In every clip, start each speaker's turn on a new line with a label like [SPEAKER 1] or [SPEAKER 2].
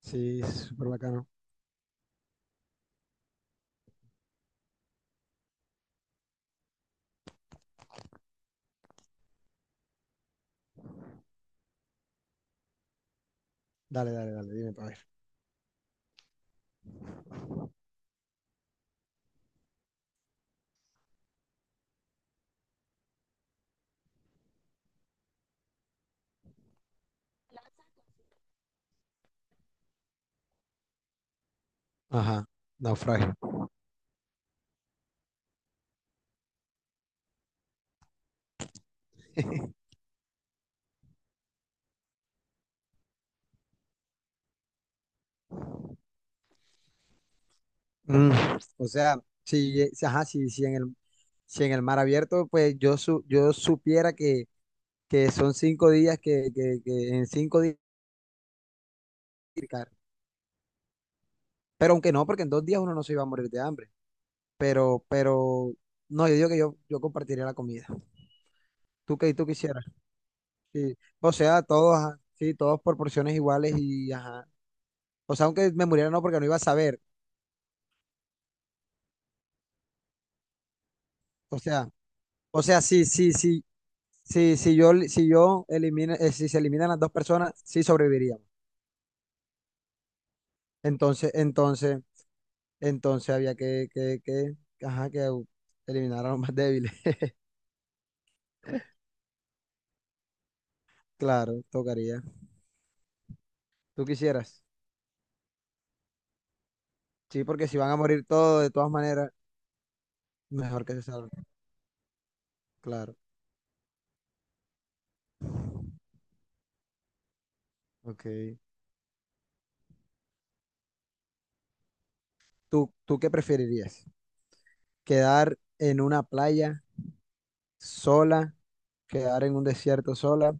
[SPEAKER 1] Sí, súper bacano. Dale, dale, dale, dime para ver. Ajá, naufragio. Mm, ajá, si en el mar abierto, pues yo supiera que, son 5 días que en 5 días. Pescar. Pero aunque no, porque en 2 días uno no se iba a morir de hambre. Pero, pero, no, yo digo que yo compartiría la comida. ¿Tú qué tú quisieras? Sí. O sea, todos, ajá, sí, todos por porciones iguales y ajá. O sea, aunque me muriera no, porque no iba a saber. O sea. O sea, sí, sí, sí. Si yo si se eliminan las dos personas, sí sobreviviríamos. Entonces, entonces, entonces había ajá, eliminar a los más débiles. Claro, tocaría. Tú quisieras. Sí, porque si van a morir todos, de todas maneras, mejor que se salven. Claro, ok. ¿Tú qué preferirías? ¿Quedar en una playa sola? ¿Quedar en un desierto sola?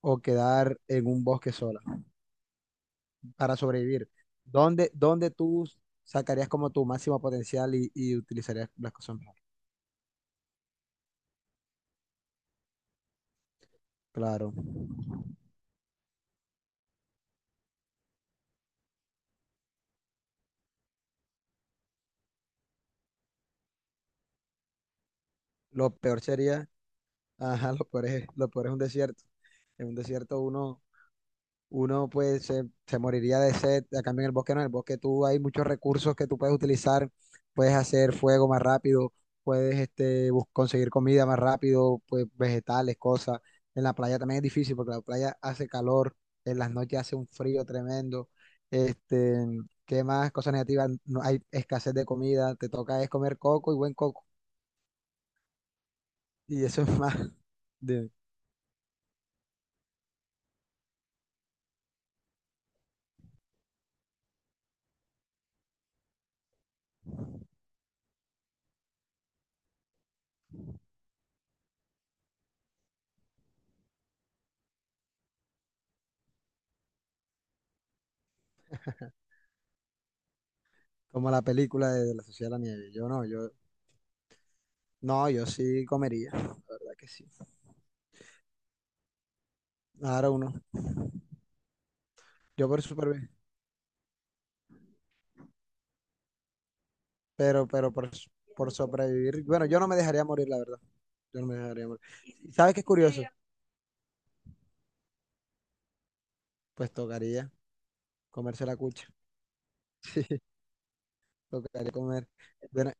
[SPEAKER 1] ¿O quedar en un bosque sola? Para sobrevivir, ¿dónde tú sacarías como tu máximo potencial y utilizarías las cosas mejor? Claro. Lo peor sería, ajá, lo peor es un desierto. En un desierto uno pues se moriría de sed, a cambio en el bosque no, en el bosque tú hay muchos recursos que tú puedes utilizar, puedes hacer fuego más rápido, puedes conseguir comida más rápido, pues vegetales, cosas. En la playa también es difícil porque la playa hace calor, en las noches hace un frío tremendo, este, ¿qué más? Cosas negativas, no hay escasez de comida, te toca es comer coco y buen coco, y eso es más de, como la película de, la Sociedad de la Nieve. No, yo sí comería, la verdad que sí. Ahora uno. Yo por supervivir, pero, pero por, por sobrevivir. Bueno, yo no me dejaría morir, la verdad. Yo no me dejaría morir. ¿Sabes qué es curioso? Pues tocaría comerse la cucha. Sí, tocaría comer. Ven, a-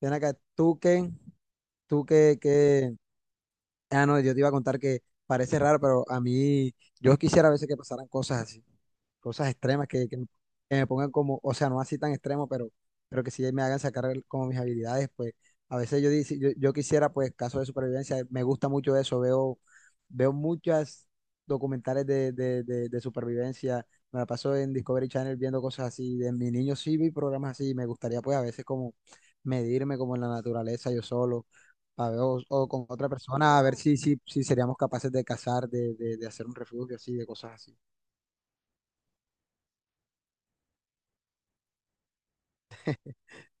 [SPEAKER 1] ven acá, tú qué Ah, no, yo te iba a contar que parece raro, pero a mí, yo quisiera a veces que pasaran cosas así, cosas extremas que me pongan como, o sea, no así tan extremo, pero que sí me hagan sacar como mis habilidades. Pues a veces yo quisiera, pues, casos de supervivencia. Me gusta mucho eso. Veo muchas documentales de supervivencia. Me la paso en Discovery Channel viendo cosas así. De mi niño sí vi programas así. Me gustaría pues a veces como medirme como en la naturaleza yo solo. A ver, o con otra persona, a ver si seríamos capaces de cazar, de hacer un refugio así, de cosas así.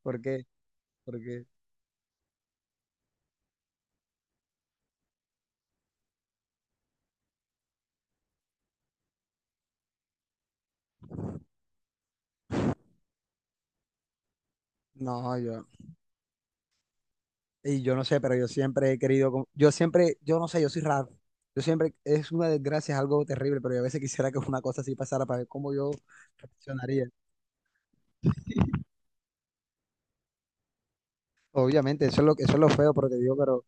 [SPEAKER 1] ¿Por qué? ¿Por qué? No, y yo no sé, pero yo siempre he querido, yo no sé, yo soy raro. Yo siempre, es una desgracia, es algo terrible, pero yo a veces quisiera que una cosa así pasara para ver cómo yo reaccionaría. Obviamente, eso es lo feo, pero te digo, pero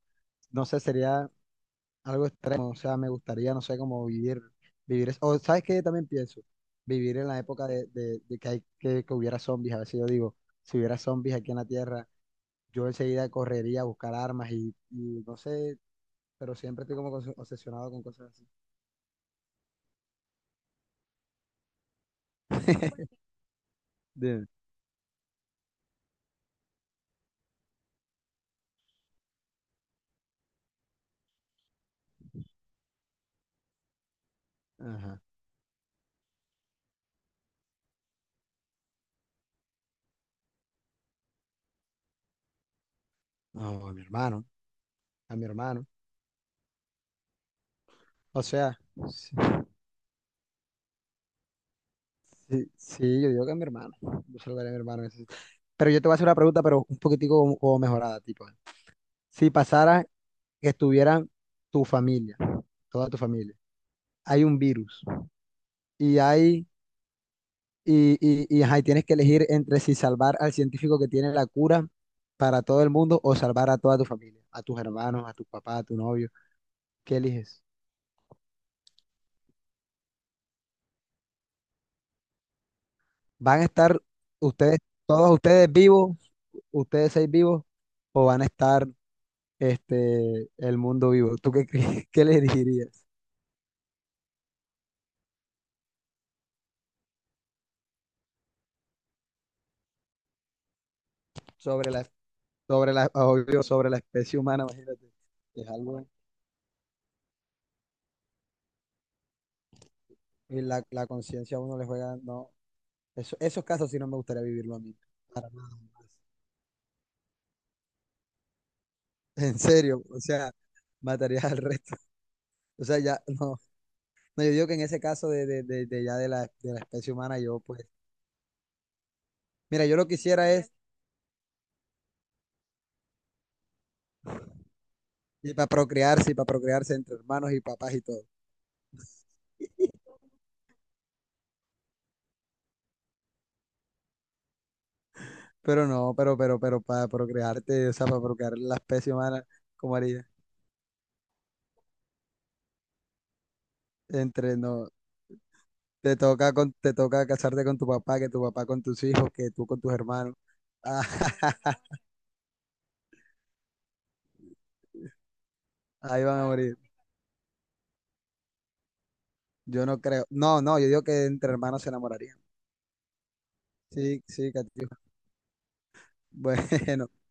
[SPEAKER 1] no sé, sería algo extremo. O sea, me gustaría, no sé, como vivir eso. O, ¿sabes qué? Yo también pienso, vivir en la época de que, hay, que hubiera zombies. A veces yo digo, si hubiera zombies aquí en la Tierra, yo enseguida correría a buscar armas y no sé, pero siempre estoy como obsesionado con cosas así. De- ajá. No, a mi hermano, a mi hermano. O sea, sí, sí, sí, yo digo que a mi hermano. Yo se lo daría a mi hermano. Ese sí. Pero yo te voy a hacer una pregunta, pero un poquitico como mejorada, tipo. Si pasara que estuviera tu familia, toda tu familia, hay un virus y hay, y, ajá, y tienes que elegir entre si salvar al científico que tiene la cura para todo el mundo o salvar a toda tu familia, a tus hermanos, a tu papá, a tu novio. ¿Qué eliges? ¿Van a estar ustedes, todos ustedes vivos, ustedes seis vivos, o van a estar el mundo vivo? ¿Tú qué, qué le dirías sobre la, sobre la, obvio, sobre la especie humana? Imagínate, es algo, y la conciencia a uno le juega, no, esos casos sí no me gustaría vivirlo a mí, para nada. En serio, o sea, matarías al resto. O sea, ya, no, no, yo digo que en ese caso de ya de la especie humana, yo pues, mira, yo lo que quisiera es y para procrearse entre hermanos y papás y todo. Pero no, pero para procrearte, o sea, para procrear la especie humana, ¿cómo haría? Entre no, te toca casarte con tu papá, que tu papá con tus hijos, que tú con tus hermanos. Ah, ahí van a morir. Yo no creo. No, no, yo digo que entre hermanos se enamorarían. Sí, sí, Catiuca. Bueno,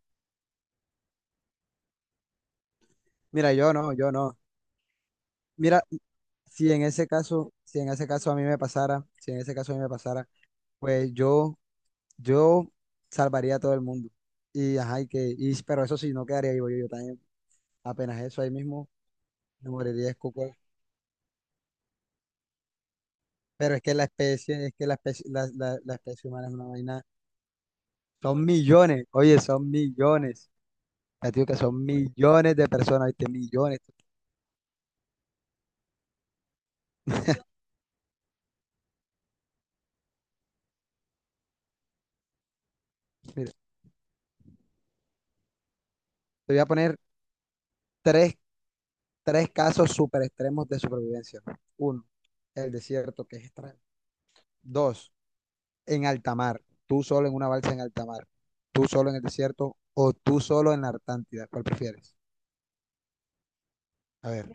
[SPEAKER 1] mira, yo no, yo no. Mira, si en ese caso a mí me pasara, si en ese caso a mí me pasara, pues yo Yo salvaría a todo el mundo. Pero eso sí, no quedaría vivo yo, yo también. Apenas eso ahí mismo, me moriría de escuco. Pero es que la especie, es que la especie, la especie humana es una vaina. Son millones, oye, son millones. Ya te digo que son millones de personas, ¿viste? Millones. Mira, te voy a poner tres, tres casos super extremos de supervivencia. Uno, el desierto, que es extremo. Dos, en alta mar, tú solo en una balsa en alta mar, tú solo en el desierto o tú solo en la Antártida. ¿Cuál prefieres? A ver,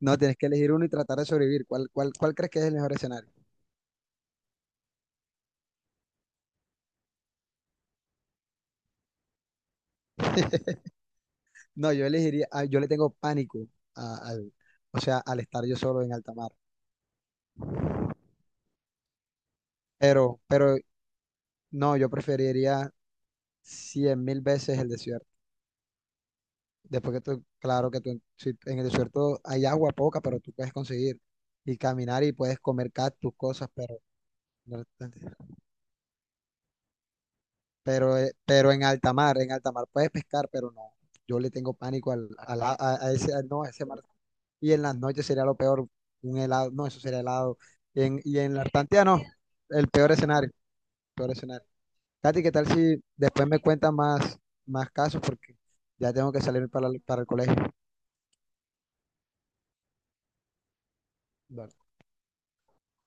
[SPEAKER 1] no, tienes que elegir uno y tratar de sobrevivir. Cuál crees que es el mejor escenario? No, yo elegiría, ah, yo le tengo pánico al, o sea, al estar yo solo en alta mar. Pero no, yo preferiría cien mil veces el desierto. Después que tú, claro que tú, si en el desierto hay agua poca, pero tú puedes conseguir y caminar y puedes comer tus cosas, pero no- pero en alta mar puedes pescar, pero no. Yo le tengo pánico a ese, no, a ese mar. Y en las noches sería lo peor, un helado, no, eso sería helado. Y en la Antártida no, el peor escenario, peor escenario. Katy, ¿qué tal si después me cuentas más, más casos? Porque ya tengo que salir para, para el colegio. Dale.